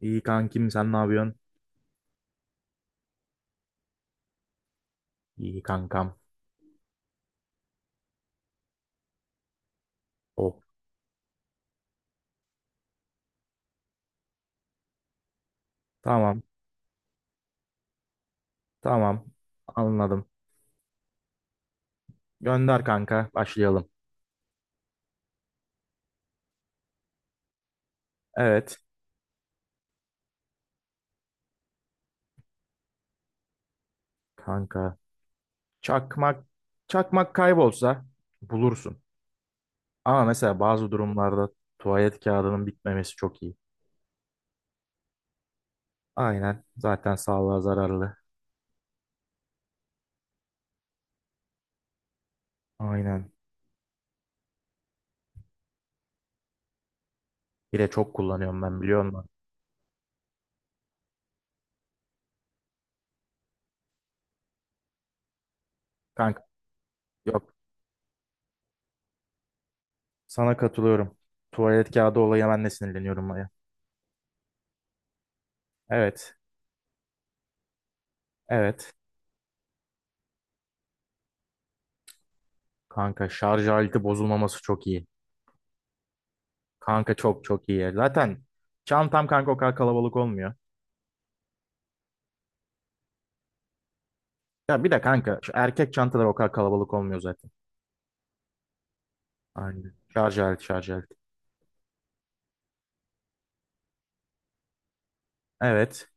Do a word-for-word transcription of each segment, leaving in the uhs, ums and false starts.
İyi kankim, sen ne yapıyorsun? İyi kankam. O. Tamam. Tamam. Anladım. Gönder kanka. Başlayalım. Evet. Kanka. Çakmak. Çakmak kaybolsa bulursun. Ama mesela bazı durumlarda tuvalet kağıdının bitmemesi çok iyi. Aynen. Zaten sağlığa zararlı. Aynen. Bir de çok kullanıyorum, ben biliyor musun? Kanka yok. Sana katılıyorum. Tuvalet kağıdı olayı, ben de sinirleniyorum ya. Evet. Evet. Kanka şarj aleti bozulmaması çok iyi. Kanka çok çok iyi. Zaten çantam kanka o kadar kalabalık olmuyor. Ya bir de kanka şu erkek çantalar o kadar kalabalık olmuyor zaten. Aynen. Şarj aleti, şarj aleti. Evet.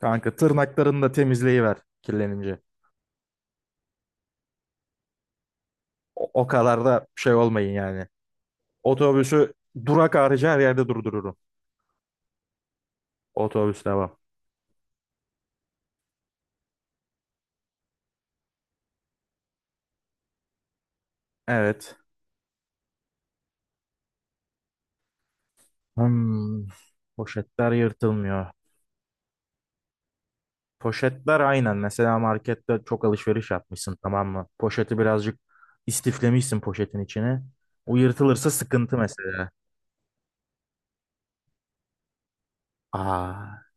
Kanka tırnaklarını da temizleyiver kirlenince. O, o kadar da şey olmayın yani. Otobüsü durak harici her yerde durdururum. Otobüs devam. Evet. Hmm, poşetler yırtılmıyor. Poşetler aynen. Mesela markette çok alışveriş yapmışsın, tamam mı? Poşeti birazcık istiflemişsin poşetin içine. O yırtılırsa sıkıntı mesela. Aa,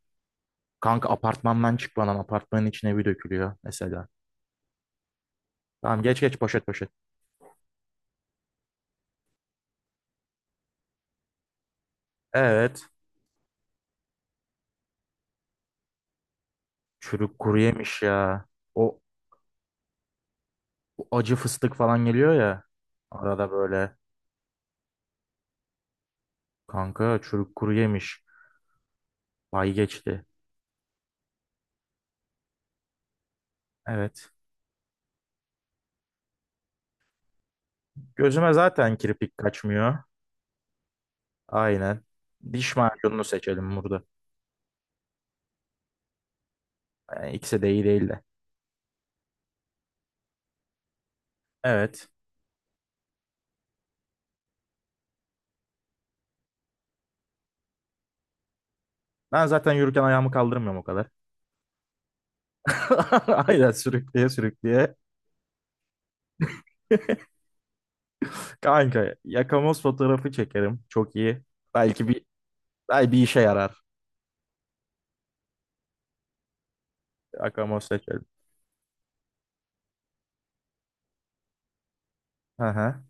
kanka apartmandan çıkmadan apartmanın içine bir dökülüyor mesela. Tamam, geç geç, poşet poşet. Evet. Çürük kuru yemiş ya. O, o acı fıstık falan geliyor ya. Arada böyle. Kanka çürük kuru yemiş. Vay, geçti. Evet. Gözüme zaten kirpik kaçmıyor. Aynen. Diş macununu seçelim burada. Yani ikisi de iyi değildi. Evet. Ben zaten yürürken ayağımı kaldırmıyorum o kadar. Aynen, sürükleye sürükleye. Kanka yakamoz fotoğrafı çekerim. Çok iyi. Belki bir Belki bir işe yarar. Yakamoz seçerim. Hı hı.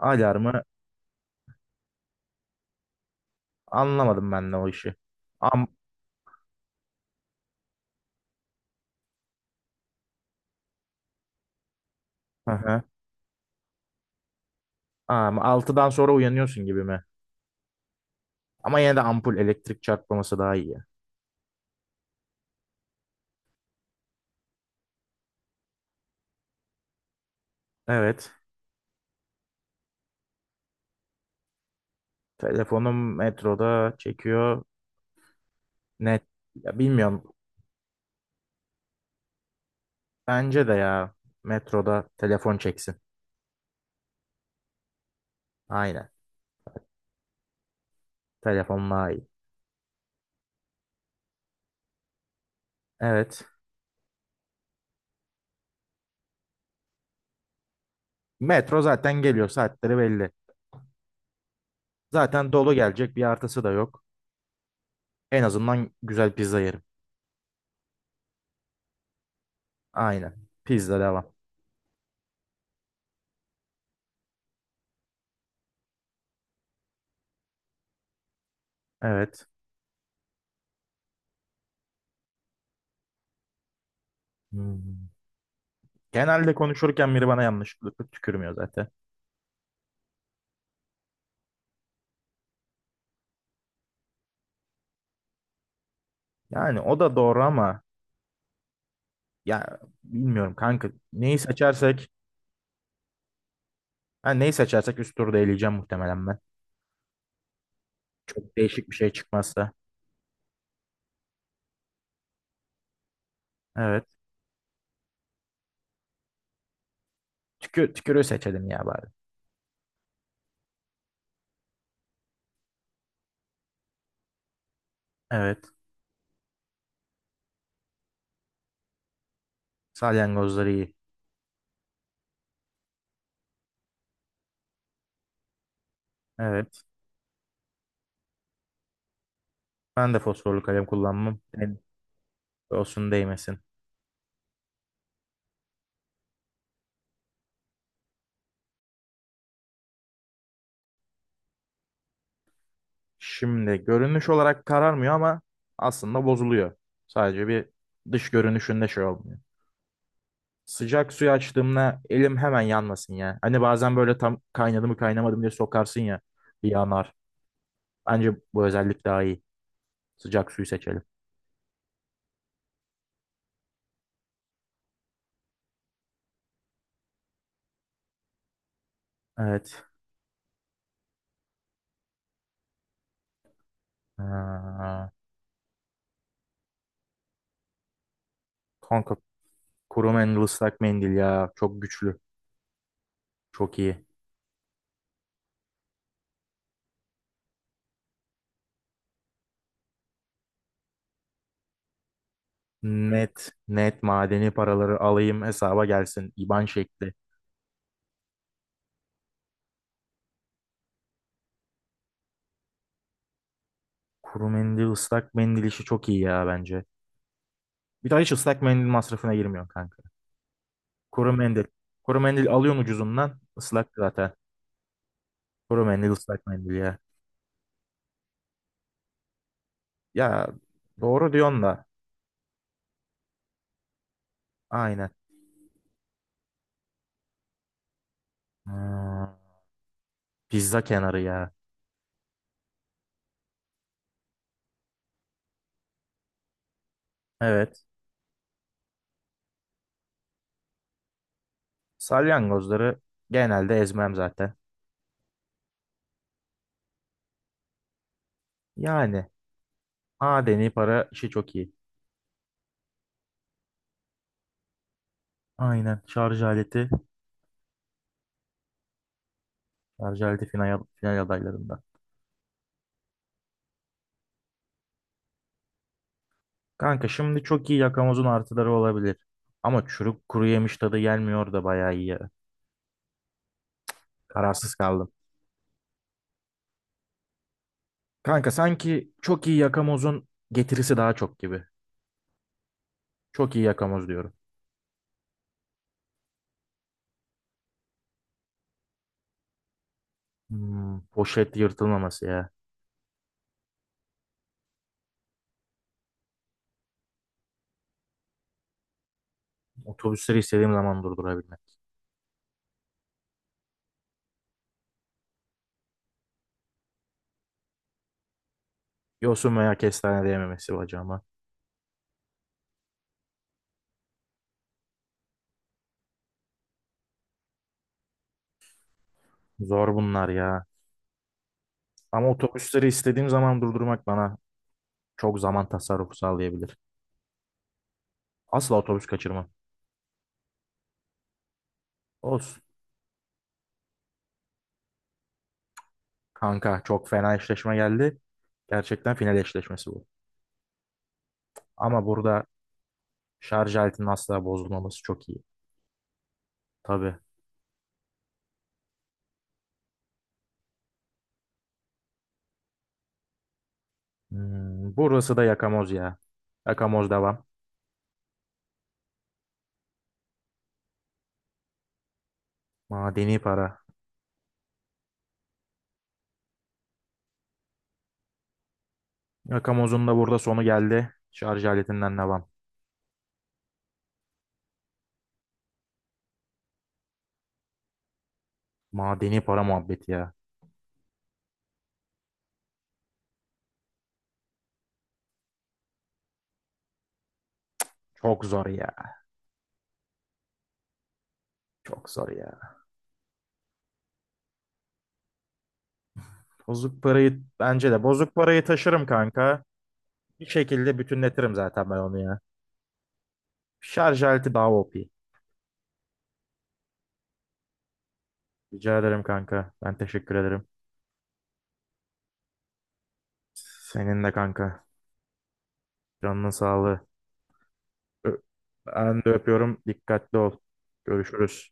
Alarmı anlamadım ben de o işi. Am hı hı. Am altıdan sonra uyanıyorsun gibi mi? Ama yine de ampul elektrik çarpmaması daha iyi. Evet. Telefonum metroda çekiyor. Net. Ya bilmiyorum. Bence de ya, metroda telefon çeksin. Aynen. Telefon iyi. Evet. Metro zaten geliyor. Saatleri belli. Zaten dolu gelecek. Bir artısı da yok. En azından güzel pizza yerim. Aynen. Pizza devam. Evet. Hmm. Genelde konuşurken biri bana yanlışlıkla tükürmüyor zaten. Yani o da doğru ama ya bilmiyorum kanka. Neyi seçersek ha neyi seçersek üst turda eleyeceğim muhtemelen ben. Çok değişik bir şey çıkmazsa. Evet. Tükür, tükürüğü seçelim ya bari. Evet. Salyangozları iyi. Evet. Ben de fosforlu kalem kullanmam. Yani olsun, değmesin. Şimdi görünüş olarak kararmıyor ama aslında bozuluyor. Sadece bir dış görünüşünde şey olmuyor. Sıcak suyu açtığımda elim hemen yanmasın ya. Hani bazen böyle tam kaynadı mı kaynamadı mı diye sokarsın ya, yanar. Bence bu özellik daha iyi. Sıcak suyu seçelim. Evet. Ha, kanka kuru mendil ıslak mendil ya. Çok güçlü. Çok iyi. Net net, madeni paraları alayım hesaba gelsin. I B A N şekli. Kuru mendil, ıslak mendil işi çok iyi ya bence. Bir daha hiç ıslak mendil masrafına girmiyorsun kanka. Kuru mendil. Kuru mendil alıyorsun ucuzundan. Islak zaten. Kuru mendil, ıslak mendil ya. Ya, doğru diyorsun da. Aynen. Hmm, pizza kenarı ya. Evet. Salyangozları genelde ezmem zaten. Yani madeni para işi çok iyi. Aynen. Şarj aleti. Şarj aleti final, final adaylarında. Kanka şimdi çok iyi yakamozun artıları olabilir. Ama çürük kuru yemiş tadı gelmiyor da bayağı iyi ya. Kararsız kaldım. Kanka sanki çok iyi yakamozun getirisi daha çok gibi. Çok iyi yakamoz diyorum. Hmm, poşet yırtılmaması ya. Otobüsleri istediğim zaman durdurabilmek. Yosun veya kestane diyememesi bacağıma. Zor bunlar ya. Ama otobüsleri istediğim zaman durdurmak bana çok zaman tasarrufu sağlayabilir. Asla otobüs kaçırmam. Olsun. Kanka çok fena eşleşme geldi. Gerçekten final eşleşmesi bu. Ama burada şarj aletinin asla bozulmaması çok iyi. Tabii. Hmm, burası da yakamoz ya. Yakamoz devam. Madeni para. Yakamozun da burada sonu geldi. Şarj aletinden devam. Madeni para muhabbeti ya. Çok zor ya. Çok zor ya. Bozuk parayı bence de bozuk parayı taşırım kanka. Bir şekilde bütünletirim zaten ben onu ya. Şarj aleti daha O P. Rica ederim kanka. Ben teşekkür ederim. Senin de kanka. Canının sağlığı. Ö- Ben de öpüyorum. Dikkatli ol. Görüşürüz.